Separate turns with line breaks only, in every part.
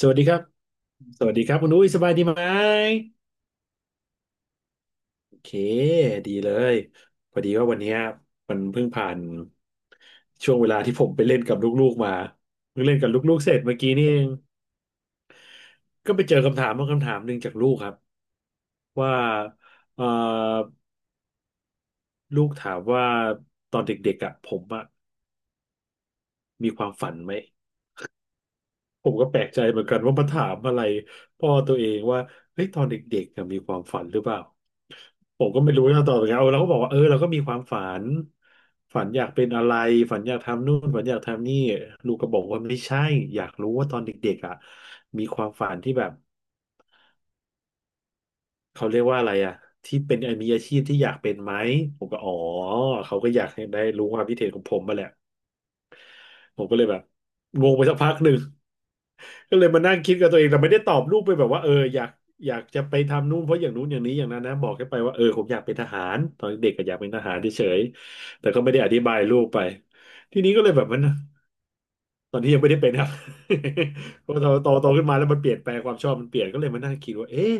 สวัสดีครับ สวัสดีครับคุณอุ้ยสบายดีไหมโอเคดีเลยพอดีว่าวันเนี้ยมันเพิ่งผ่านช่วงเวลาที่ผมไปเล่นกับลูกๆมาเพิ่งเล่นกับลูกๆเสร็จเมื่อกี้นี่เองก็ไปเจอคำถามบางคำถามหนึ่งจากลูกครับว่าเอ่อลูกถามว่าตอนเด็กๆอ่ะผมอ่ะมีความฝันไหม ผมก็แปลกใจเหมือนกันว่ามาถามอะไรพ่อตัวเองว่าเฮ้ยตอนเด็กๆอะมีความฝันหรือเปล่าผมก็ไม่รู้นะตอนนั้นเอาเราก็บอกว่าเออเราก็มีความฝันฝันอยากเป็นอะไรฝันอยากทำนู่นฝันอยากทำนี่ลูกก็บอกว่าไม่ใช่อยากรู้ว่าตอนเด็กๆอ่ะมีความฝันที่แบบเขาเรียกว่าอะไรอ่ะที่เป็นมีอาชีพที่อยากเป็นไหมผมก็อ๋อเขาก็อยากให้ได้รู้ความคิดเห็นของผมมาแหละผมก็เลยแบบงงไปสักพักหนึ่ง ก็เลยมานั่งคิดกับตัวเองแต่ไม่ได้ตอบลูกไปแบบว่าเอออยากจะไปทำนู่นเพราะอย่างนู้นอย่างนี้อย่างนั้นนะบอกแค่ไปว่าเออผมอยากเป็นทหารตอนเด็กก็อยากเป็นทหารเฉยๆแต่ก็ไม่ได้อธิบายลูกไปทีนี้ก็เลยแบบมันตอนที่ยังไม่ได้เป็นครับ พอาโตขึ้นมาแล้วมันเปลี่ยนแปลงความชอบมันเปลี่ยนก็เลยมานั่งคิดว่าเอ๊ะ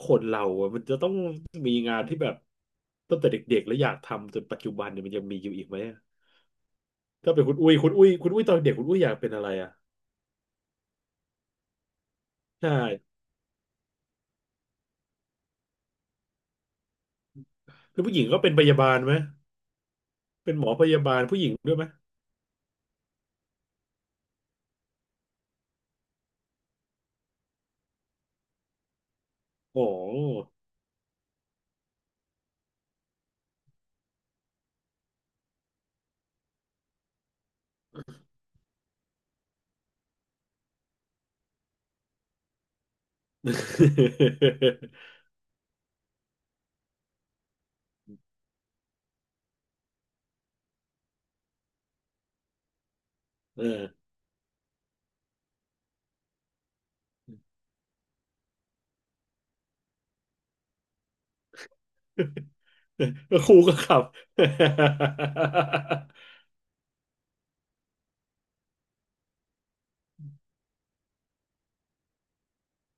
คนเราอะมันจะต้องมีงานที่แบบตั้งแต่เด็กๆแล้วอยากทำจนปัจจุบันเนี่ยมันยังมีอยู่อีกไหมอะถ้าเป็นคุณอุ้ยตอนเด็กคุณอุ้ยอยากเป็นอะไรอ่ะใช่คือผู้หญิงก็เป็นพยาบาลไหม เป็นหมอพยาบาลผู้หญิงด้วยไหมโอ้โห เออ ครูก็ขับ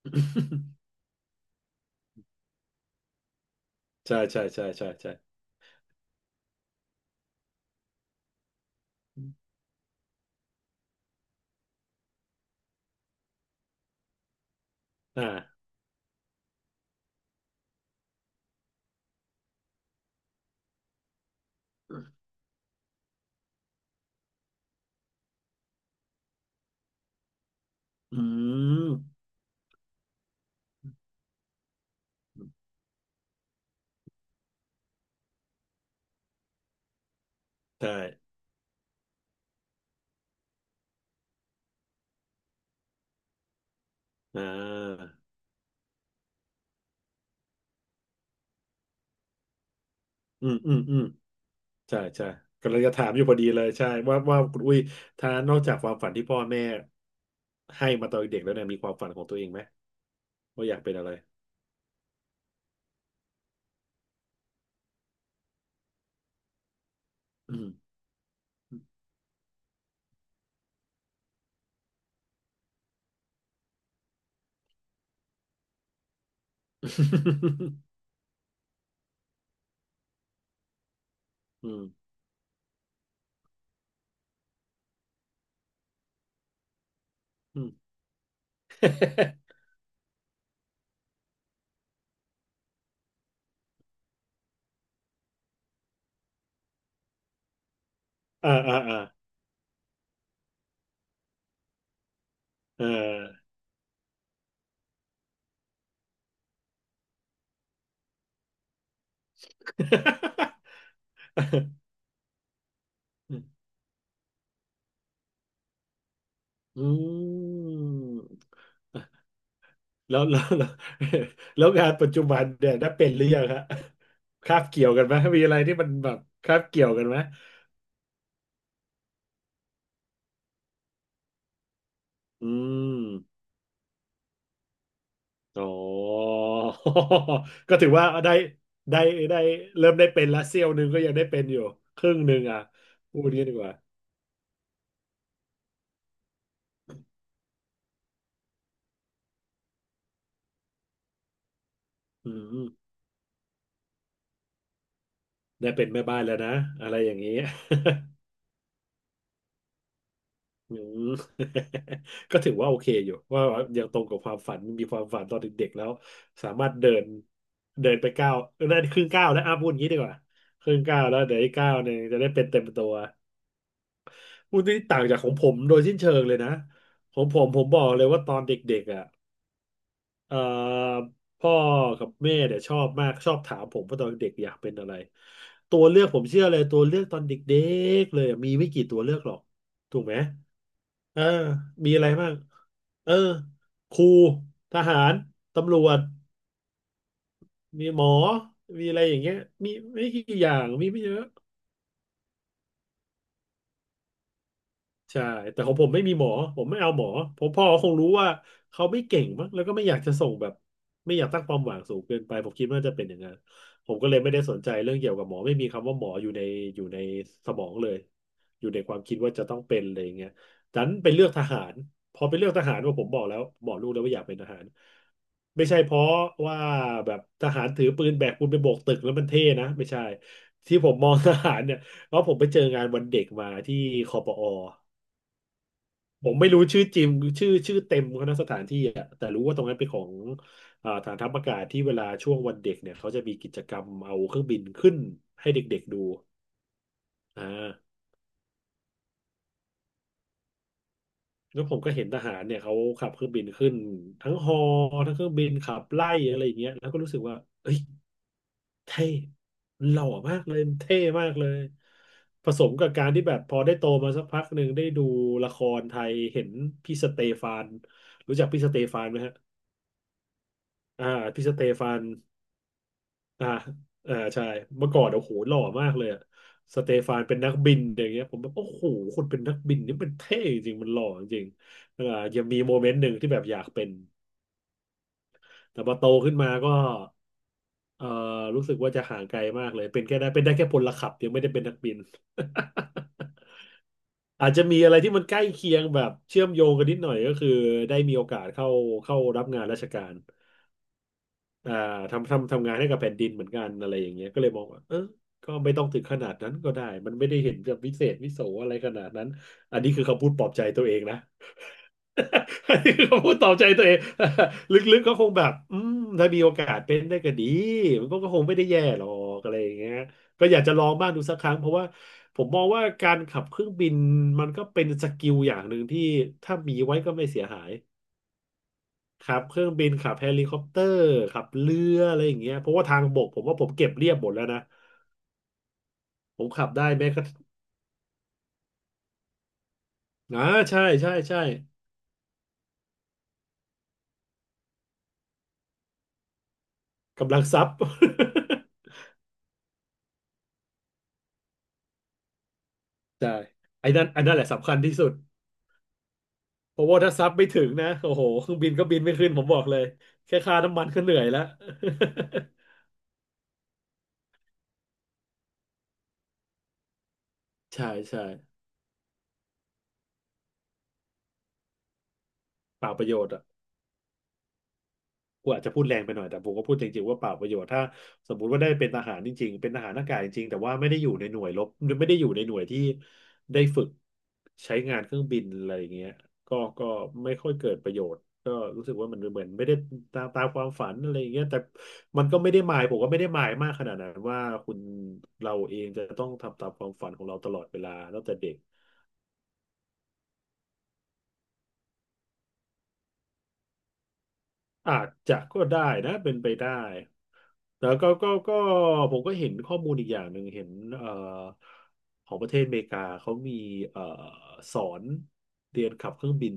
ใช่ใช่ใช่ใช่ใช่อ่า อืมใช่อ่าอืมอืมอืมใช่ใช่กำลังจะถามอยู่พอดีเลย ใช่ว่าคุณอุ้ยถ้านอกจากความฝันที่พ่อแม่ให้มาตอนเด็กแล้วเนี่ยมีความฝันของตัวเองไหมว่าอยากเป็นอะไร อืม อืม อืม อ่าอ่าอ่าเออ อืมแล้ว แล้วงานปัจจุบันเนี่ยได้เป็นหรือยังฮะคาบเกี่ยวกันไหมมีอะไรที่มันแบบคาบเกี่ยวกันไหมอืมอ๋อ้ ก็ถือว่าได้ได้เริ่มได้เป็นละเสี้ยวหนึ่งก็ยังได้เป็นอยู่ครึ่งหนึ่งอ่ะพูดงี้ดีกว่าอืมได้เป็นแม่บ้านแล้วนะอะไรอย่างนี้ อืม ก็ถือว่าโอเคอยู่ว่ายังตรงกับความฝันมีความฝันตอนเด็กๆแล้วสามารถเดินเดินไปก้าวได้ครึ่งก้าวแล้วอ่ะพูดอย่างนี้ดีกว่าครึ่งก้าวแล้วเดี๋ยวอีกก้าวหนึ่งจะได้เป็นเต็มตัวพูดนี่ต่างจากของผมโดยสิ้นเชิงเลยนะของผมผมบอกเลยว่าตอนเด็กๆอ่ะ เอ่อพ่อกับแม่เนี่ยชอบมากชอบถามผมว่าตอนเด็กอยากเป็นอะไรตัวเลือกผมเชื่อเลยตัวเลือกตอนเด็กๆเลยอะมีไม่กี่ตัวเลือกหรอกถูกไหมเออมีอะไรบ้างเออครูทหารตำรวจมีหมอมีอะไรอย่างเงี้ยมีไม่กี่อย่างมีไม่เยอะ ใช่แต่ของผมไม่มีหมอผมไม่เอาหมอผมพ่อคงรู้ว่าเขาไม่เก่งมั้งแล้วก็ไม่อยากจะส่งแบบไม่อยากตั้งความหวังสูงเกินไปผมคิดว่าจะเป็นอย่างนั้นผมก็เลยไม่ได้สนใจเรื่องเกี่ยวกับหมอไม่มีคำว่าหมออยู่ในอยู่ในสมองเลยอยู่ในความคิดว่าจะต้องเป็นอะไรอย่างเงี้ยดันไปเลือกทหารพอไปเลือกทหารว่าผมบอกแล้วบอกลูกแล้วว่าอยากเป็นทหารไม่ใช่เพราะว่าแบบทหารถือปืนแบกปืนไปโบกตึกแล้วมันเท่นะไม่ใช่ที่ผมมองทหารเนี่ยเพราะผมไปเจองานวันเด็กมาที่คอปอ ผมไม่รู้ชื่อจริงชื่อเต็มเขานะสถานที่อะแต่รู้ว่าตรงนั้นเป็นของฐานทัพอากาศที่เวลาช่วงวันเด็กเนี่ยเขาจะมีกิจกรรมเอาเครื่องบินขึ้นให้เด็กๆดูอ่าแล้วผมก็เห็นทหารเนี่ยเขาขับเครื่องบินขึ้นทั้งฮอทั้งเครื่องบินขับไล่อะไรอย่างเงี้ยแล้วก็รู้สึกว่าเอ้ยเท่หล่อมากเลยเท่มากเลยผสมกับการที่แบบพอได้โตมาสักพักหนึ่งได้ดูละครไทยเห็นพี่สเตฟานรู้จักพี่สเตฟานไหมฮะ อ่าพี่สเตฟานอ่าอ่าใช่เมื่อก่อนโอ้โหหล่อมากเลยอะสเตฟานเป็นนักบินอย่างเงี้ยผมแบบโอ้โหคนเป็นนักบินนี่มันเท่จริงมันหล่อจริงอ่ายังมีโมเมนต์หนึ่งที่แบบอยากเป็นแต่พอโตขึ้นมาก็เอ่อรู้สึกว่าจะห่างไกลมากเลยเป็นแค่ได้เป็นได้แค่พลขับยังไม่ได้เป็นนักบิน อาจจะมีอะไรที่มันใกล้เคียงแบบเชื่อมโยงกันนิดหน่อยก็คือได้มีโอกาสเข้ารับงานราชการ อ่าทำงานให้กับแผ่นดินเหมือนกันอะไรอย่างเงี้ยก็เลยมองว่าเออก็ไม่ต้องถึงขนาดนั้นก็ได้มันไม่ได้เห็นจะวิเศษวิโสอะไรขนาดนั้นอันนี้คือคำพูดปลอบใจตัวเองนะ อันนี้คือคำพูดปลอบใจตัวเอง ลึกๆก็คงแบบอืมถ้ามีโอกาสเป็นได้ก็ดีมันก็คงไม่ได้แย่หรอกอะไรอย่างเงี้ยก็อยากจะลองบ้างดูสักครั้งเพราะว่าผมมองว่าการขับเครื่องบินมันก็เป็นสกิลอย่างหนึ่งที่ถ้ามีไว้ก็ไม่เสียหาย ขับเครื่องบินขับเฮลิคอปเตอร์ขับเรืออะไรอย่างเงี้ยเพราะว่าทางบกผมว่าผมเก็บเรียบหมดแล้วนะผมขับได้แม้กระทั่งอ่าใช่ใช่ใช่กำลังซับ ใช่ไอ้นั่นไอ้นั่นแหละสำคัญที่สุดเพราะว่าถ้าซับไม่ถึงนะโอ้โหเครื่องบินก็บินไม่ขึ้นผมบอกเลยแค่ค่าน้ำมันก็เหนื่อยแล้ว ใช่ใช่เปล่าประโยชน์อ่ะ กูอาจจะพูดแรงไปหน่อยแต่ผมก็พูดจริงๆว่าเปล่าประโยชน์ถ้าสมมุติว่าได้เป็นทหารจริงๆเป็นทหารอากาศจริงๆแต่ว่าไม่ได้อยู่ในหน่วยรบไม่ได้อยู่ในหน่วยที่ได้ฝึกใช้งานเครื่องบินอะไรอย่างเงี้ยก็ไม่ค่อยเกิดประโยชน์ก็รู้สึกว่ามันเหมือนไม่ได้ตามความฝันอะไรอย่างเงี้ยแต่มันก็ไม่ได้หมายมากขนาดนั้นว่าคุณเราเองจะต้องทำตามความฝันของเราตลอดเวลาตั้งแต่เด็ก อาจจะก็ได้นะเป็นไปได้แต่ก็ผมก็เห็นข้อมูลอีกอย่างหนึ่งเห็นเอ่อของประเทศอเมริกาเขามีเอ่อสอนเรียนขับเครื่องบิน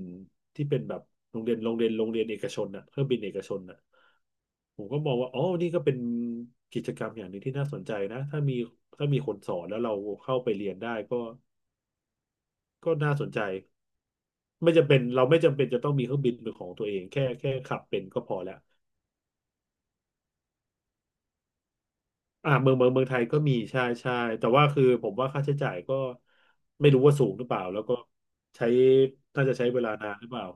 ที่เป็นแบบโรงเรียนเอกชนน่ะเครื่องบินเอกชนน่ะผมก็มองว่าอ๋อนี่ก็เป็นกิจกรรมอย่างหนึ่งที่น่าสนใจนะถ้ามีคนสอนแล้วเราเข้าไปเรียนได้ก็ก็น่าสนใจไม่จำเป็นเราไม่จำเป็นจะต้องมีเครื่องบินเป็นของตัวเองแค่ขับเป็นก็พอแล้ว อ่าเมืองไทยก็มีใช่ใช่แต่ว่าคือผมว่าค่าใช้จ่ายก็ไม่รู้ว่าสูงหรือเปล่าแล้วก็ใช้น่าจะใช้เวลานานหรือเปล่า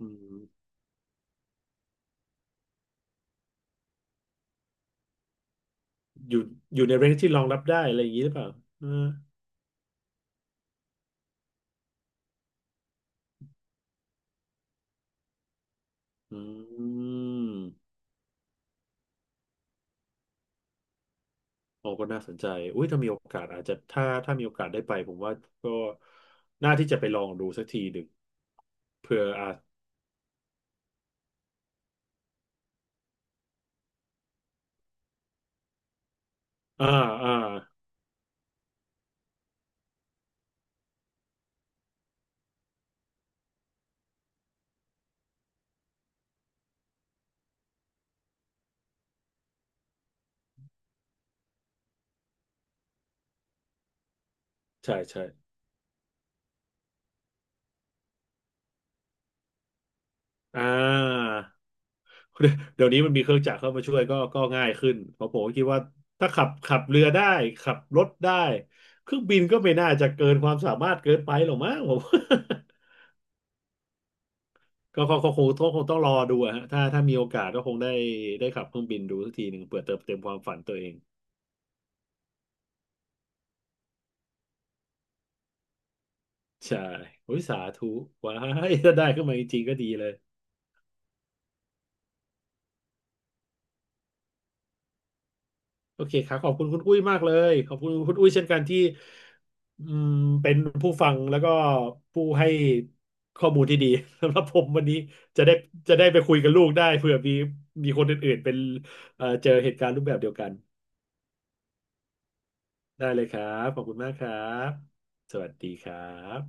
อืมอยู่อยู่ในเรนจ์ที่รองรับได้อะไรอย่างนี้หรือเปล่านะอืมโอ้ก็น่าสนใจอุ้ยถ้ามีโอกาสอาจจะถ้ามีโอกาสได้ไปผมว่าก็น่าที่จะไปลองดูสักทีหนึ่งเผื่ออาจอ่าอ่าใช่ใช่อ่า เดี๋ยวนี้มันมีเครื่องจักรเข้ามาช่วยก็ก็ง่ายขึ้นเพราะผมก็คิดว่าถ้าขับเรือได้ขับรถได้เครื่องบินก็ไม่น่าจะเกินความสามารถเกินไปหรอกมั้งผม ก็คงต้องรอดูอะฮะถ้ามีโอกาสก็คงได้ได้ขับเครื่องบินดูสักทีหนึ่งเผื่อเติมเต็มความฝันตัวเองใช่โอ้ยสาธุว้ายถ้าได้ขึ้นมาจริงๆก็ดีเลย โอเคครับขอบคุณคุณอุ้ยมากเลยขอบคุณคุณอุ้ยเช่นกันที่อืมเป็นผู้ฟังแล้วก็ผู้ให้ข้อมูลที่ดี สำหรับผมวันนี้จะได้จะได้ไปคุยกับลูกได้เผื่อมีคนอื่นๆเป็นเจอเหตุการณ์รูปแบบเดียวกันได้เลยครับขอบคุณมากครับสวัสดีครับ